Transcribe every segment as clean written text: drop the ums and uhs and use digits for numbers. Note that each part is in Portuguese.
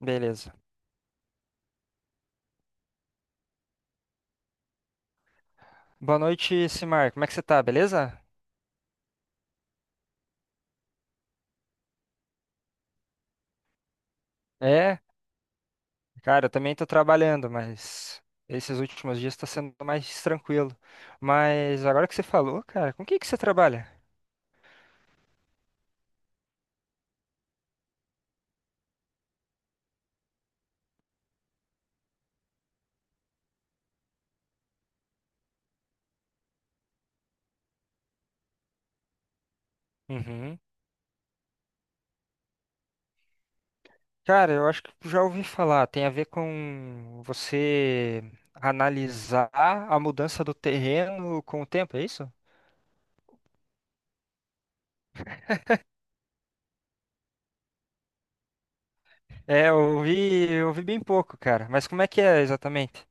Beleza. Boa noite, Simar. Como é que você tá? Beleza? É, cara, eu também tô trabalhando, mas esses últimos dias tá sendo mais tranquilo. Mas agora que você falou, cara, com o que você trabalha? Uhum. Cara, eu acho que já ouvi falar. Tem a ver com você analisar a mudança do terreno com o tempo, é isso? Eu ouvi bem pouco, cara. Mas como é que é exatamente?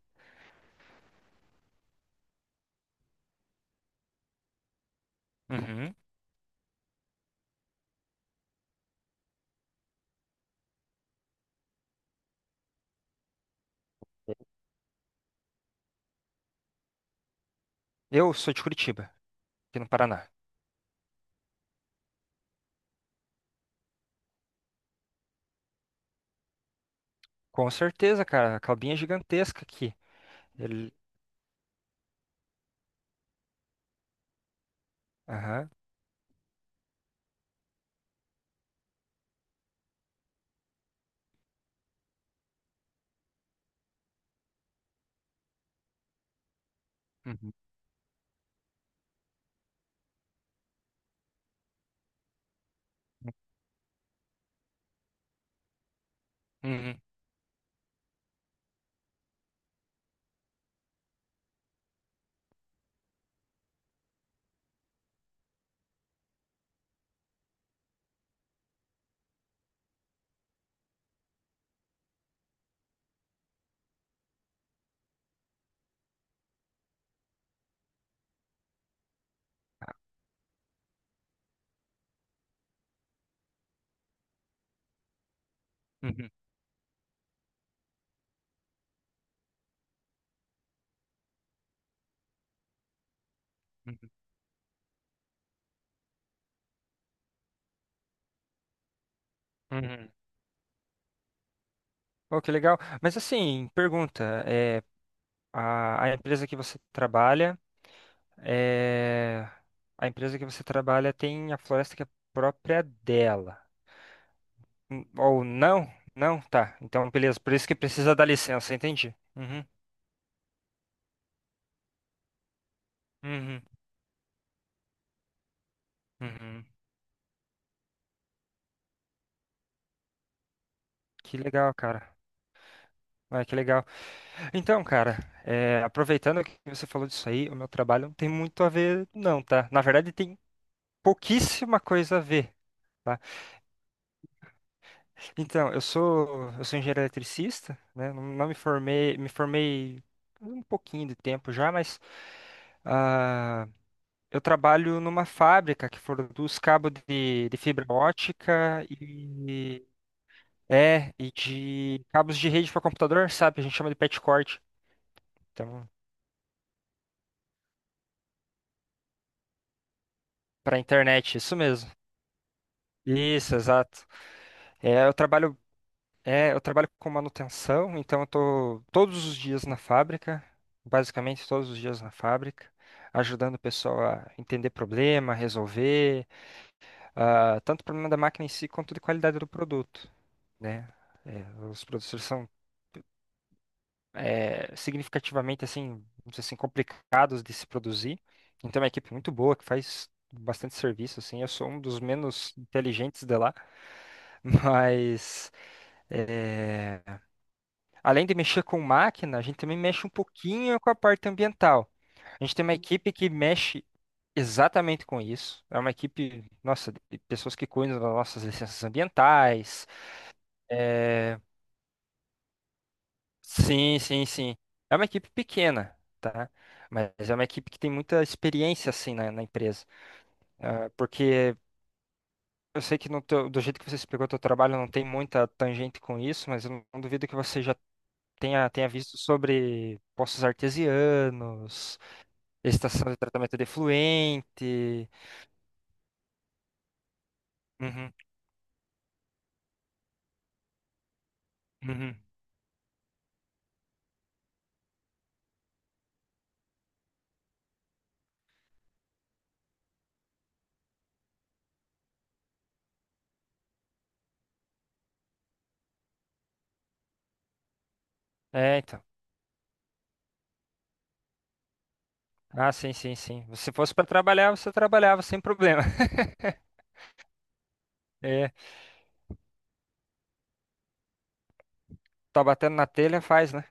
Uhum. Eu sou de Curitiba, aqui no Paraná. Com certeza, cara. A calbinha é gigantesca aqui. Ele. Aham. Uhum, uhum, uhum, uhum, uhum. Oh, que legal. Mas assim, pergunta, a empresa que você trabalha, é, a empresa que você trabalha tem a floresta que é própria dela. Ou não? Não? Tá. Então, beleza. Por isso que precisa da licença, entendi. Uhum, uhum, uhum. Que legal, cara. Ah, que legal. Então, cara, aproveitando que você falou disso aí, o meu trabalho não tem muito a ver, não, tá? Na verdade, tem pouquíssima coisa a ver, tá? Então, eu sou engenheiro eletricista, né? Não, me formei, me formei um pouquinho de tempo já, mas ah, eu trabalho numa fábrica que produz cabo de fibra ótica e é e de cabos de rede para computador, sabe? A gente chama de patchcord. Para internet, isso mesmo. Isso, exato. É, eu trabalho, eu trabalho com manutenção, então eu tô todos os dias na fábrica, basicamente todos os dias na fábrica, ajudando o pessoal a entender problema, resolver, tanto problema da máquina em si quanto de qualidade do produto, né? É, os produtores são significativamente assim, vamos dizer assim, complicados de se produzir. Então é uma equipe muito boa que faz bastante serviço assim. Eu sou um dos menos inteligentes de lá, mas é, além de mexer com máquina, a gente também mexe um pouquinho com a parte ambiental. A gente tem uma equipe que mexe exatamente com isso. É uma equipe, nossa, de pessoas que cuidam das nossas licenças ambientais, é. Sim, sim, sim. É uma equipe pequena, tá? Mas é uma equipe que tem muita experiência, assim, na empresa. Ah, porque eu sei que no do jeito que você explicou o teu trabalho não tem muita tangente com isso, mas eu não duvido que você já tenha visto sobre poços artesianos, estação de tratamento de efluente. Uhum, uhum. É, então. Ah, sim, sim, sim. Se fosse para trabalhar, você trabalhava sem problema. É, tá batendo na telha, faz, né?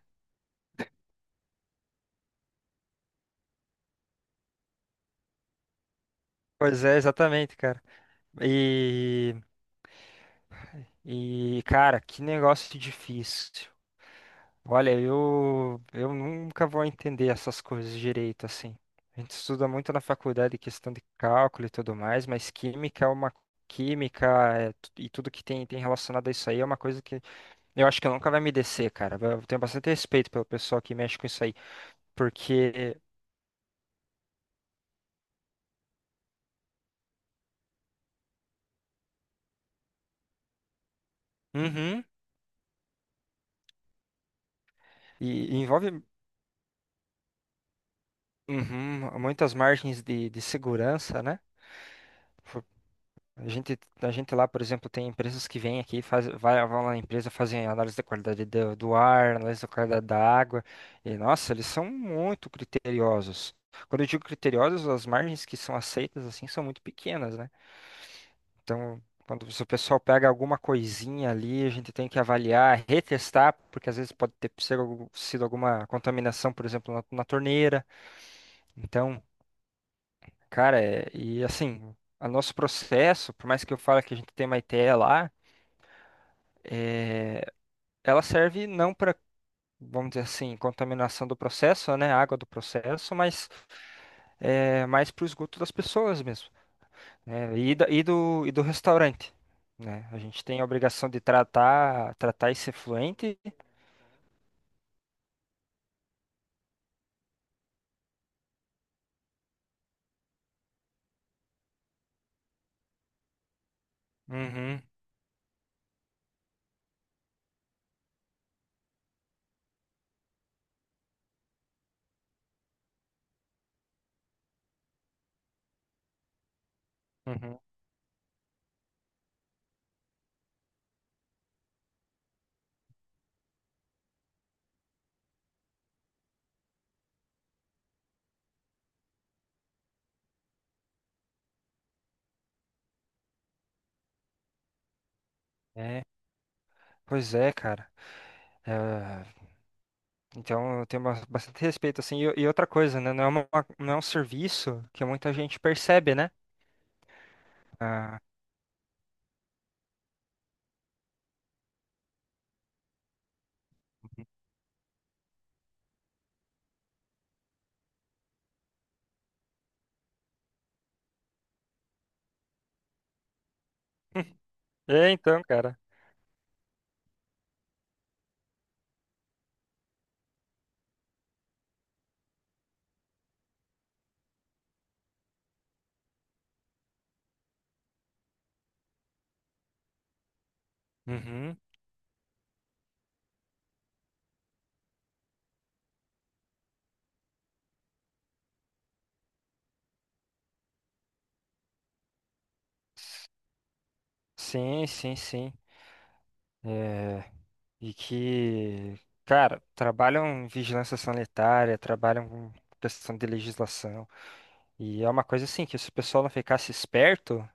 Pois é, exatamente, cara. E, cara, que negócio difícil. Olha, eu nunca vou entender essas coisas direito, assim. A gente estuda muito na faculdade questão de cálculo e tudo mais, mas química é uma química é e tudo que tem relacionado a isso aí é uma coisa que eu acho que nunca vai me descer, cara. Eu tenho bastante respeito pelo pessoal que mexe com isso aí, porque uhum, e envolve uhum, muitas margens de segurança, né? A gente lá, por exemplo, tem empresas que vêm aqui, faz, vai, vão lá na empresa, fazem análise da qualidade do ar, análise da qualidade da água. E, nossa, eles são muito criteriosos. Quando eu digo criteriosos, as margens que são aceitas, assim, são muito pequenas, né? Então, quando se o pessoal pega alguma coisinha ali, a gente tem que avaliar, retestar, porque às vezes pode ter sido sido alguma contaminação, por exemplo, na torneira. Então, cara, é, e assim... O nosso processo, por mais que eu fale que a gente tem uma ITE lá, é, ela serve não para, vamos dizer assim, contaminação do processo, né, água do processo, mas mais para o esgoto das pessoas mesmo, né, e e do restaurante, né? A gente tem a obrigação de tratar, tratar esse efluente. Uhum, uhum. É, pois é, cara. É, então eu tenho bastante respeito assim. E outra coisa, né, não é um serviço que muita gente percebe, né? Ah, é, então, cara. Uhum. Sim, sim, sim. É, e que, cara, trabalham em vigilância sanitária, trabalham com questão de legislação. E é uma coisa assim, que se o pessoal não ficasse esperto,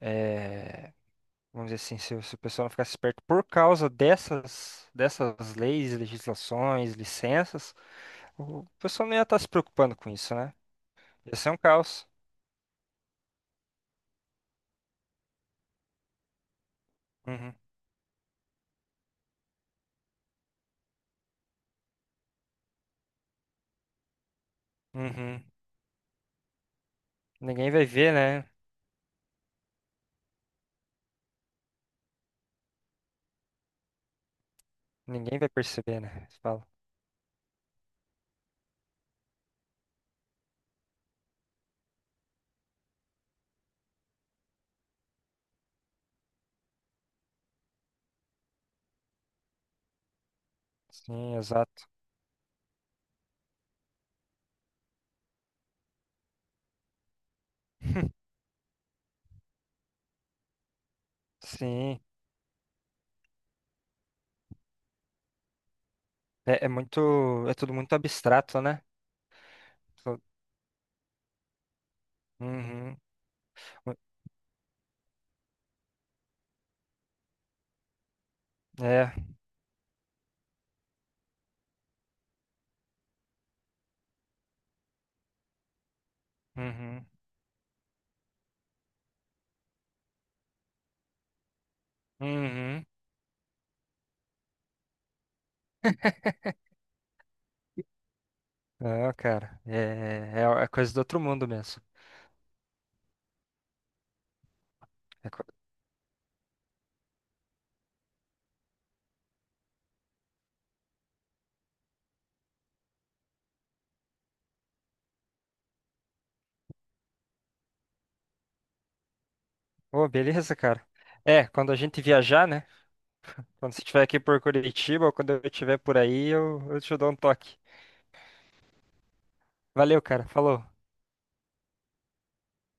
é, vamos dizer assim, se o pessoal não ficasse esperto por causa dessas leis, legislações, licenças, o pessoal não ia estar se preocupando com isso, né? Ia ser um caos. Uhum, uhum. Ninguém vai ver, né? Ninguém vai perceber, né? Você fala. Sim, exato. Sim. É, é muito. É tudo muito abstrato, né? Tu- uhum. É. Uhum. Uhum. Não, cara. É coisa do outro mundo mesmo. É co- ô, beleza, cara. É, quando a gente viajar, né? Quando você estiver aqui por Curitiba ou quando eu estiver por aí, eu te dou um toque. Valeu, cara. Falou.